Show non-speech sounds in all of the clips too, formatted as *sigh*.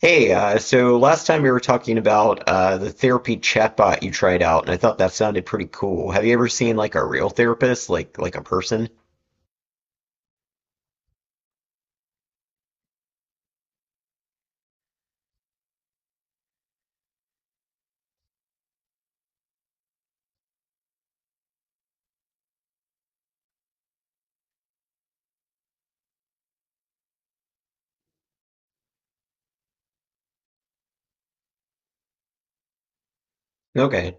Hey, so last time we were talking about the therapy chatbot you tried out, and I thought that sounded pretty cool. Have you ever seen like a real therapist, like a person? Okay.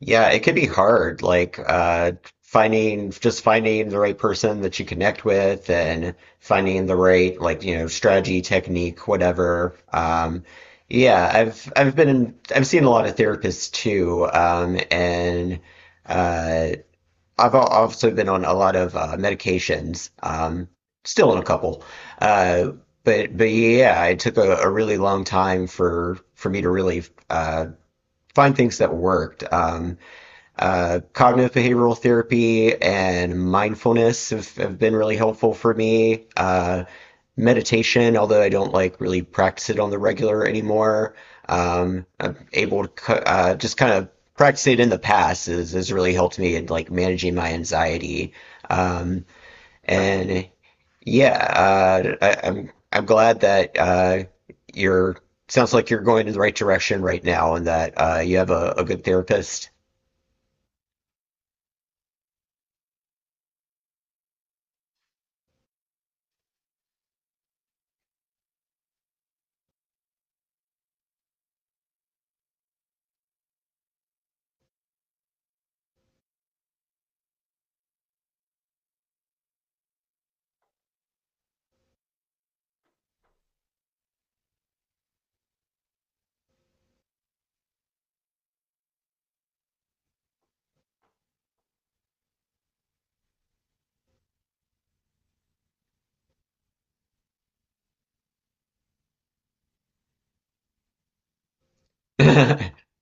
Yeah, it could be hard, finding just finding the right person that you connect with and finding the right like you know strategy, technique, whatever. Yeah, I've been I've seen a lot of therapists too, and uh, also been on a lot of medications, still on a couple. Uh, but yeah, it took a really long time for me to really uh, find things that worked. Cognitive behavioral therapy and mindfulness have been really helpful for me. Meditation, although I don't like really practice it on the regular anymore. I'm able to just kind of practice it in the past has really helped me in like managing my anxiety. Um, and yeah, I'm glad that you're sounds like you're going in the right direction right now and that you have a good therapist. *laughs*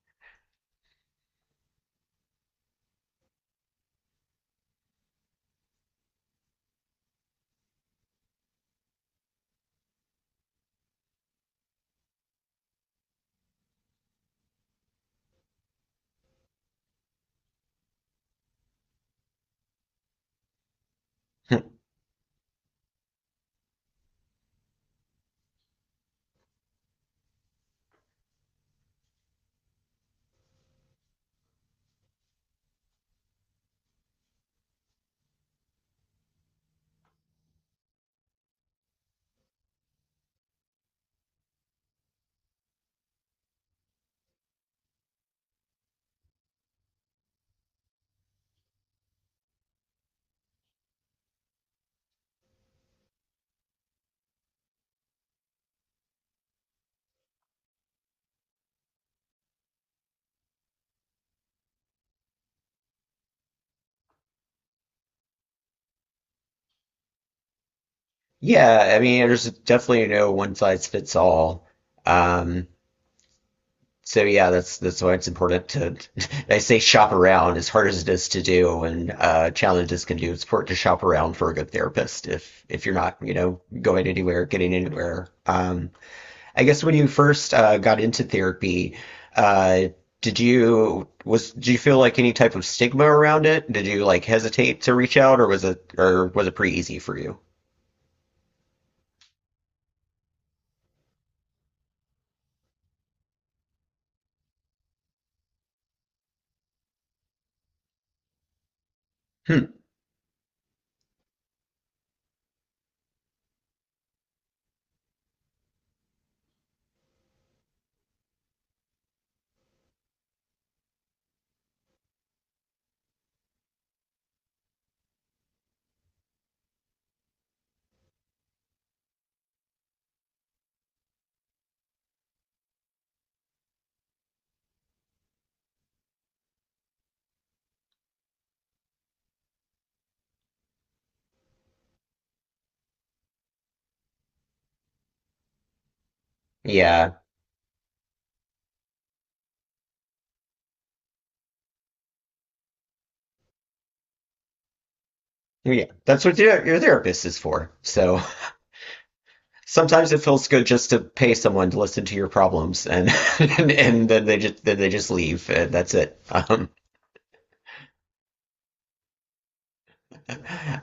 *laughs* Yeah, I mean, there's definitely no one size fits all. Um, so yeah, that's why it's important to *laughs* I say shop around as hard as it is to do and challenges can do. It's important to shop around for a good therapist if you're not, you know, going anywhere, getting anywhere. I guess when you first got into therapy, uh, did you feel like any type of stigma around it? Did you like hesitate to reach out, or was it pretty easy for you? Hmm. Yeah. Yeah, that's what your therapist is for. So sometimes it feels good just to pay someone to listen to your problems, and *laughs* and then they just leave, and that's it. Um,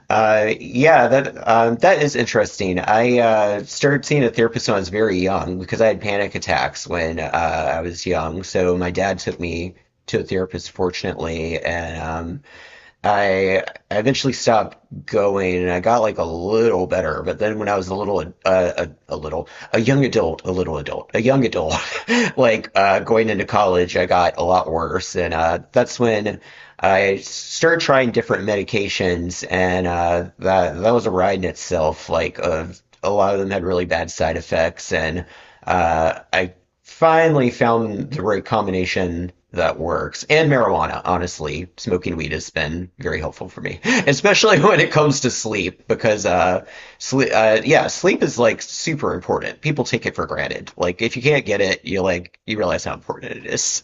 uh, Yeah, that is interesting. I started seeing a therapist when I was very young because I had panic attacks when I was young. So my dad took me to a therapist, fortunately, and I eventually stopped going and I got like a little better, but then when I was a little a little a young adult, a little adult, a young adult, *laughs* like going into college, I got a lot worse, and that's when I started trying different medications, and that was a ride in itself. Like a lot of them had really bad side effects, and I finally found the right combination that works. And marijuana, honestly, smoking weed has been very helpful for me *laughs* especially when it comes to sleep. Because sleep yeah, sleep is like super important. People take it for granted. Like if you can't get it you realize how important it is.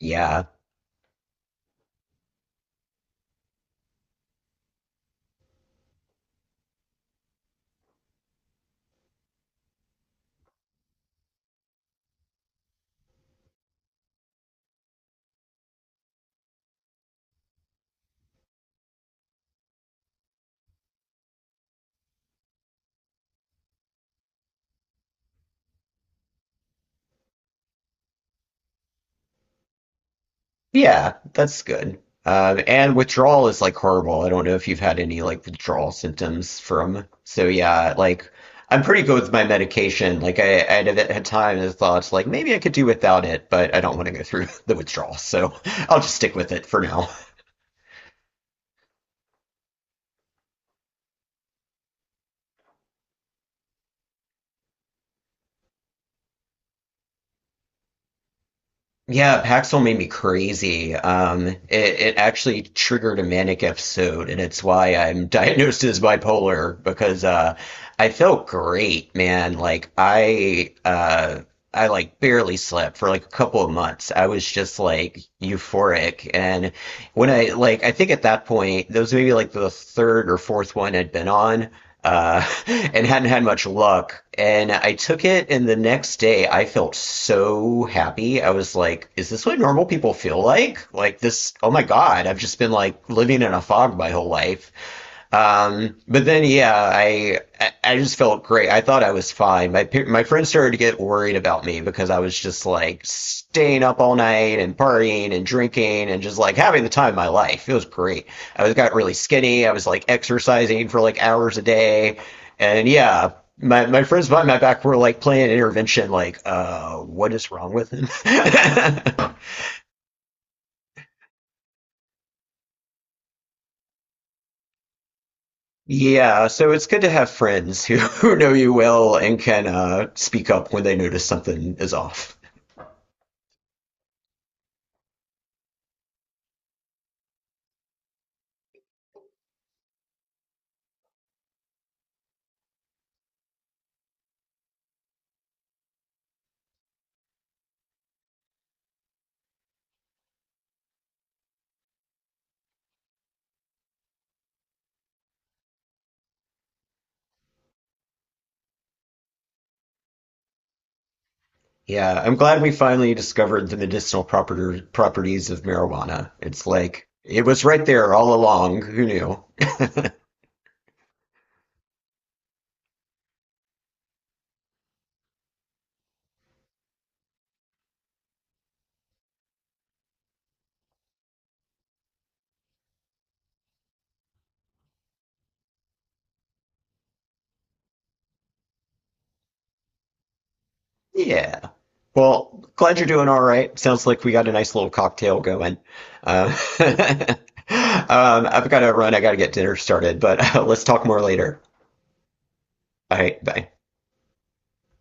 Yeah. Yeah, that's good. And withdrawal is like horrible. I don't know if you've had any like withdrawal symptoms from. So yeah, like I'm pretty good with my medication. I had at times I thought like maybe I could do without it, but I don't want to go through *laughs* the withdrawal, so *laughs* I'll just stick with it for now. Yeah, Paxil made me crazy. It actually triggered a manic episode, and it's why I'm *laughs* diagnosed as bipolar because I felt great, man. I like barely slept for like a couple of months. I was just like euphoric. And when I like, I think at that point, that was maybe like the third or fourth one I'd been on, *laughs* and hadn't had much luck. And I took it, and the next day I felt so happy. I was like, is this what normal people feel like? Like this, oh my God, I've just been like living in a fog my whole life. But then, yeah, I just felt great. I thought I was fine. My friends started to get worried about me because I was just like staying up all night and partying and drinking and just like having the time of my life. It was great. I was got really skinny. I was like exercising for like hours a day, and yeah. My friends behind my back were like playing intervention, like, what is wrong with him? *laughs* Yeah, so it's good to have friends *laughs* who know you well and can speak up when they notice something is off. Yeah, I'm glad we finally discovered the medicinal properties of marijuana. It's like it was right there all along. Who knew? Yeah. Well, glad you're doing all right. Sounds like we got a nice little cocktail going. Uh, *laughs* um, I've got to run. I got to get dinner started, but *laughs* let's talk more later. All right, bye.